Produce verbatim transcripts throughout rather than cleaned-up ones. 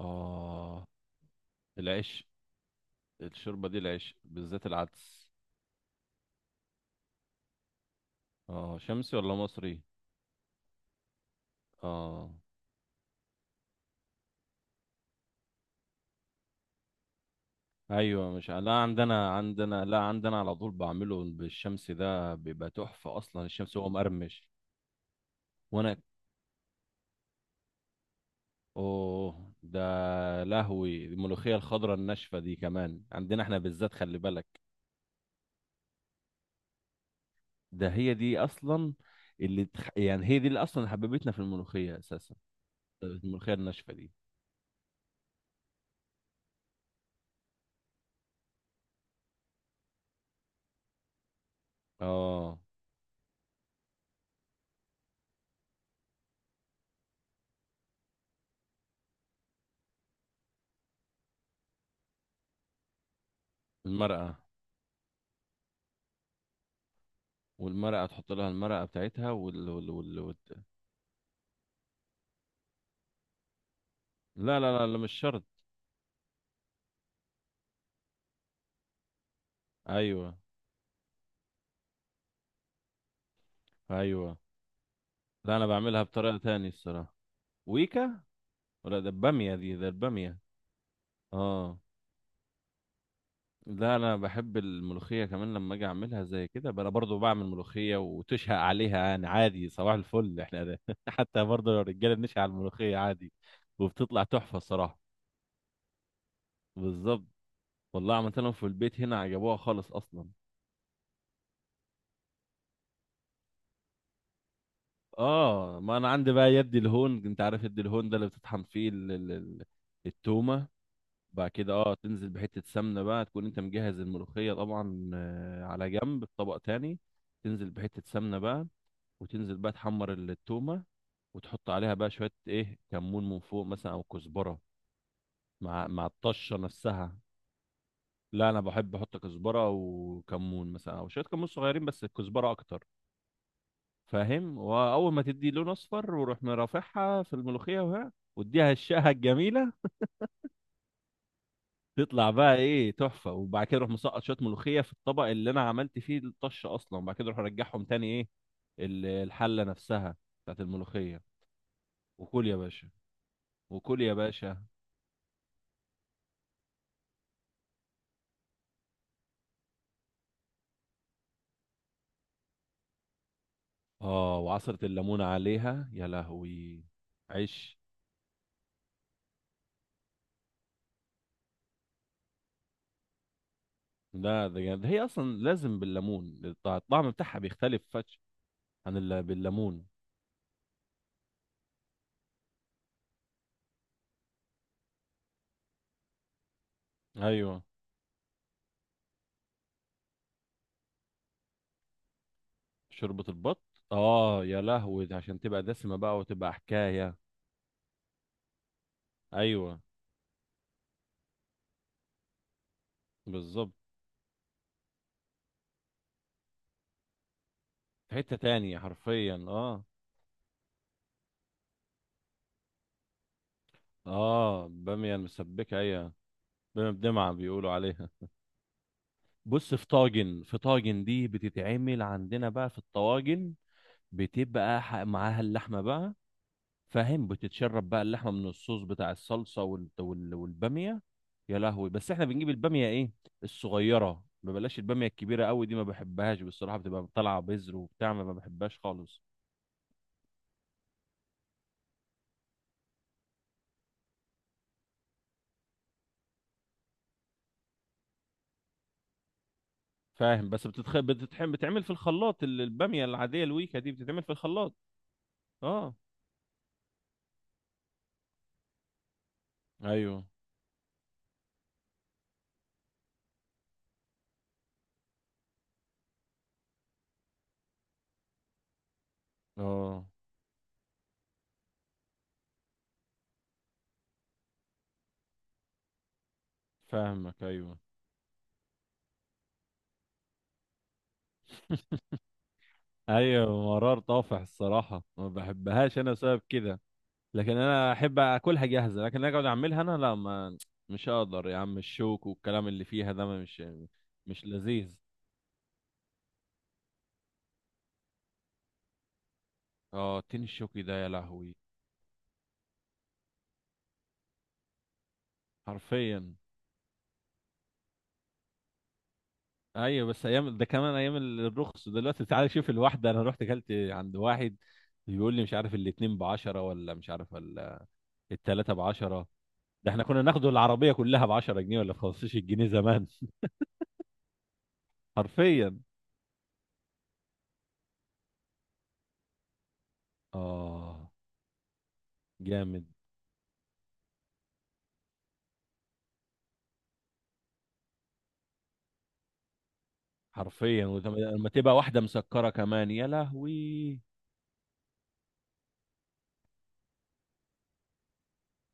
اه. العيش الشوربة دي العيش بالذات العدس. اه، شمسي ولا مصري؟ اه، ايوه، مش ع- لا، عندنا عندنا، لا، عندنا على طول بعمله بالشمسي، ده بيبقى تحفة اصلا، الشمس هو مقرمش. وانا، اوه ده، لهوي الملوخية الخضراء الناشفة دي، كمان عندنا احنا بالذات، خلي بالك. ده هي دي اصلا، اللي تخ... يعني هي دي اللي اصلا حببتنا في الملوخية اساسا. الملوخية الناشفة دي. اه، المرقة. والمرقة تحط لها المرقة بتاعتها وال... وال... وال... وال... لا، لا، لا، لا، مش شرط. ايوه، ايوه. لا، انا بعملها بطريقة تاني الصراحة. ويكا، ولا ده البامية؟ دي، ده البامية. اه، لا، انا بحب الملوخية كمان لما اجي اعملها زي كده بقى، انا برضو بعمل ملوخية وتشهق عليها، يعني عادي، صباح الفل احنا ده حتى برضو لو الرجالة بنشهق على الملوخية عادي. وبتطلع تحفة الصراحة. بالظبط. والله عملت لهم في البيت هنا، عجبوها خالص اصلا. اه، ما انا عندي بقى يد الهون، انت عارف يد الهون ده اللي بتطحن فيه ال- ال- ال- التومه. بعد كده اه تنزل بحته سمنه بقى، تكون انت مجهز الملوخيه طبعا آه، على جنب في طبق تاني. تنزل بحته سمنه بقى، وتنزل بقى تحمر ال- التومه، وتحط عليها بقى شويه ايه كمون من فوق مثلا او كزبره، مع مع الطشه نفسها. لا، انا بحب احط كزبره وكمون مثلا، او شويه كمون صغيرين، بس الكزبره اكتر. فاهم، واول ما تدي لون اصفر، وروح مرافعها في الملوخيه وها، واديها الشقه الجميله، تطلع بقى ايه تحفه. وبعد كده اروح مسقط شويه ملوخيه في الطبق اللي انا عملت فيه الطش اصلا، وبعد كده اروح ارجعهم تاني ايه ال- الحله نفسها بتاعت الملوخيه. وكل يا باشا. وكل يا باشا. اه، وعصره الليمون عليها، يا لهوي. عيش. لا، ده جامد، هي اصلا لازم بالليمون، الط- الطعم بتاعها بيختلف، فش عن اللي بالليمون. ايوه. شوربة البط. اه، يا لهوي، ده عشان تبقى دسمة بقى وتبقى حكاية. ايوه، بالظبط. في حتة تانية حرفيا. اه، اه، بامية المسبكة، ايوه. بامية بدمعة بيقولوا عليها. بص، في طاجن في طاجن دي بتتعمل عندنا بقى في الطواجن، بتبقى ح- معاها اللحمة بقى. فاهم، بتتشرب بقى اللحمه من الصوص بتاع الصلصه وال... وال... والباميه. يا لهوي، بس احنا بنجيب الباميه ايه، الصغيره، ما بلاش الباميه الكبيره قوي دي، ما بحبهاش بصراحه، بتبقى طالعه بذر وبتاع، ما ما بحبهاش خالص. فاهم، بس بتتخ... بتتحم بتتعمل في الخلاط، ال- الباميه العاديه الويكه دي بتتعمل في الخلاط. اه، ايوه، اه، فاهمك، ايوه، ايوه، مرار طافح الصراحه، ما بحبهاش انا بسبب كده. لكن انا احب اكلها جاهزه، لكن اقعد اعملها انا لا، ما مش هقدر يا عم، الشوك والكلام اللي فيها ده مش مش لذيذ. اه، التين الشوكي ده يا لهوي. حرفيا. ايوه بس ايام، ده كمان ايام الرخص دلوقتي، تعالى شوف، الواحده انا رحت اكلت عند واحد، بيقول لي مش عارف الاتنين بعشرة، ولا مش عارف ال- التلاتة بعشرة. ده احنا كنا ناخده العربية كلها بعشرة جنيه، ولا بخمستاشر جنيه زمان. حرفيا. اه، جامد. حرفيا، ولما تبقى واحدة مسكرة كمان، يا لهوي.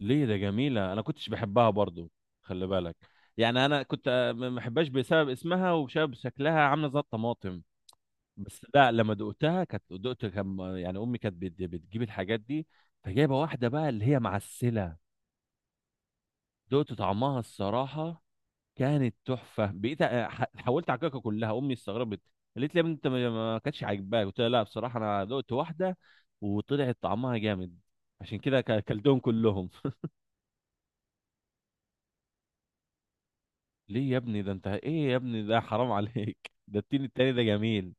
ليه؟ ده جميلة، أنا كنتش بحبها برضو، خلي بالك. يعني أنا كنت آه، ما بحبهاش بسبب اسمها وبسبب شكلها، عاملة زي الطماطم. بس لا، لما دقتها كانت، دقت كان، يعني أمي كانت بت- بتجيب الحاجات دي، فجايبة واحدة بقى اللي هي معسلة، دقت طعمها الصراحة، كانت تحفه. بقيت أ- ح- حاولت اعككها كلها، امي استغربت، قالت لي يا ابني انت ما ما كانتش عاجباك، قلت لها لا بصراحه انا دقت واحده وطلعت طعمها جامد، عشان كده ك- كلتهم كلهم ليه يا ابني ده؟ انت ايه يا ابني ده، حرام عليك ده التين التاني ده جميل.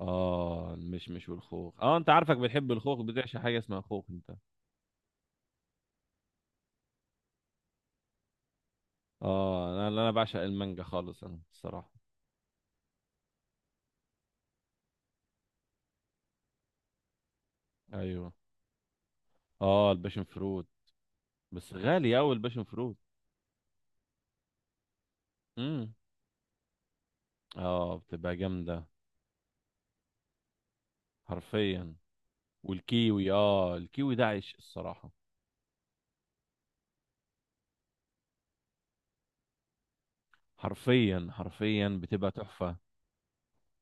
اه، المشمش والخوخ، اه انت عارفك بتحب الخوخ، بتعشى حاجه اسمها خوخ انت. اه، انا انا بعشق المانجا خالص، انا الصراحه. ايوه. اه، الباشن فروت. بس غالي اوي الباشن فروت. امم. اه، بتبقى جامده. حرفيا. والكيوي، اه الكيوي ده عيش الصراحة. حرفيا، حرفيا، بتبقى تحفة.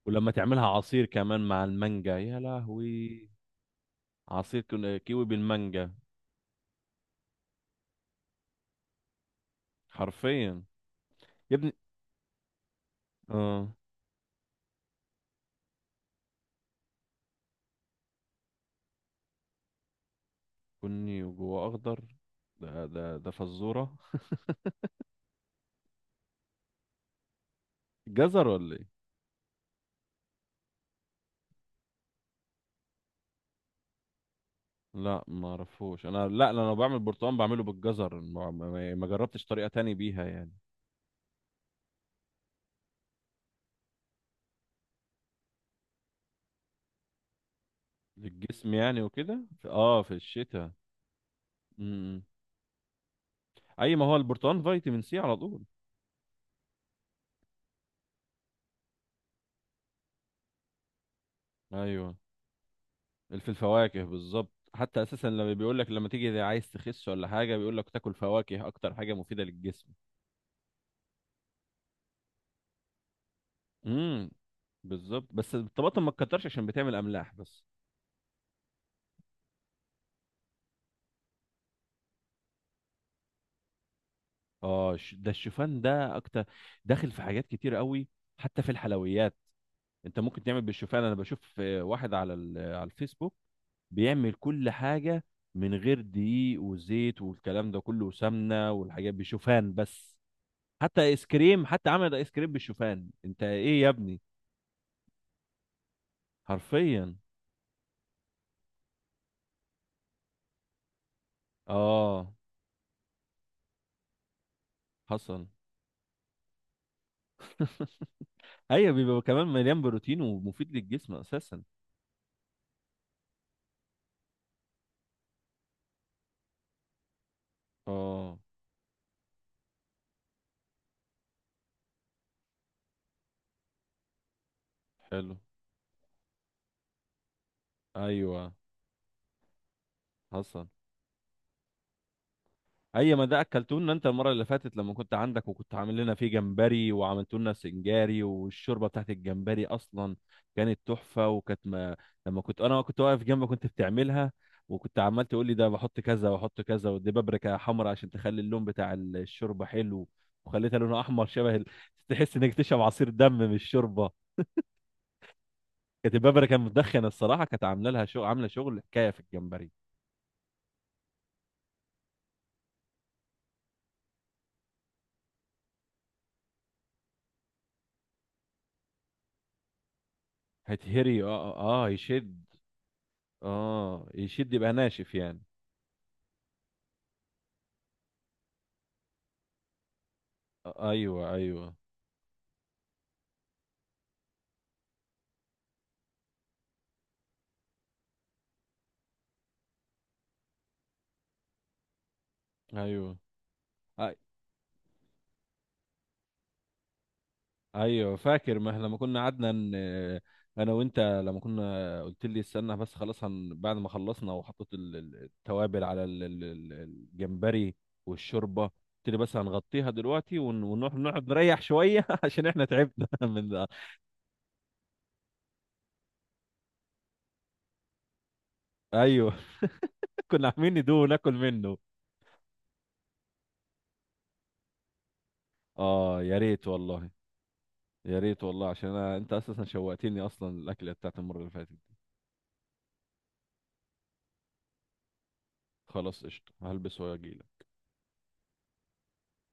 ولما تعملها عصير كمان مع المانجا، يا لهوي. عصير كن- كيوي بالمانجا. حرفيا. يا ابني، اه، بني وجوه اخضر، ده ده ده فزورة. جزر ولا ايه؟ لا، ما اعرفوش انا. لا، انا بعمل برتقال بعمله بالجزر، ما, ما ما جربتش طريقة تاني بيها يعني. للجسم يعني وكده، في- اه في الشتاء. امم. اي ما هو البرتقال فيتامين سي على طول. ايوه، في الفواكه بالظبط، حتى اساسا لما بيقول لك لما تيجي عايز تخس ولا حاجه، بيقول لك تاكل فواكه، اكتر حاجه مفيده للجسم. امم. بالظبط، بس الطماطم ما تكترش عشان بتعمل املاح بس. اه، ش- ده الشوفان ده اكتر داخل في حاجات كتير قوي، حتى في الحلويات. انت ممكن تعمل بالشوفان، انا بشوف آه، واحد على ال- على الفيسبوك بيعمل كل حاجه من غير دقيق وزيت والكلام ده كله وسمنه والحاجات، بشوفان بس. حتى ايس كريم، حتى عمل ايس كريم بالشوفان، انت ايه يا ابني؟ حرفيا. اه، حصل ايوه، بيبقى كمان مليان بروتين ومفيد للجسم اساسا. اه، حلو. ايوه، حصل. اي ما ده اكلتونا انت المره اللي فاتت لما كنت عندك، وكنت عامل لنا فيه جمبري، وعملت لنا سنجاري، والشوربه بتاعت الجمبري اصلا كانت تحفه. وكانت ما... لما كنت انا كنت واقف جنبك كنت بتعملها، وكنت عمال تقول لي ده بحط كذا واحط كذا، ودي بابريكا حمراء عشان تخلي اللون بتاع الشوربه حلو، وخليتها لونها احمر شبه ال... تحس انك تشرب عصير دم من الشوربه. كانت البابريكا مدخنه الصراحه، كانت عامله لها شغل، عامله شغل حكايه في الجمبري. هتهري، اه اه آه، يشد. اه، يشد يبقى ناشف يعني. ايوه، ايوه، ايوه، أي- ايوه، فاكر، ما احنا لما كنا قعدنا ان انا وانت لما كنا، قلت لي استنى بس خلاص هن... بعد ما خلصنا، وحطيت ال- ال- التوابل على ال- ال- ال- الجمبري والشوربه، قلت لي بس هنغطيها دلوقتي ون- ونروح نقعد نريح شويه عشان احنا تعبنا من ده. ايوه كنا عاملين ندوه وناكل منه. اه، يا ريت والله. يا ريت والله، عشان أنا... انت اساسا شوقتني اصلا الاكله بتاعت المره اللي فاتت دي. خلاص، قشطه، هلبس واجي.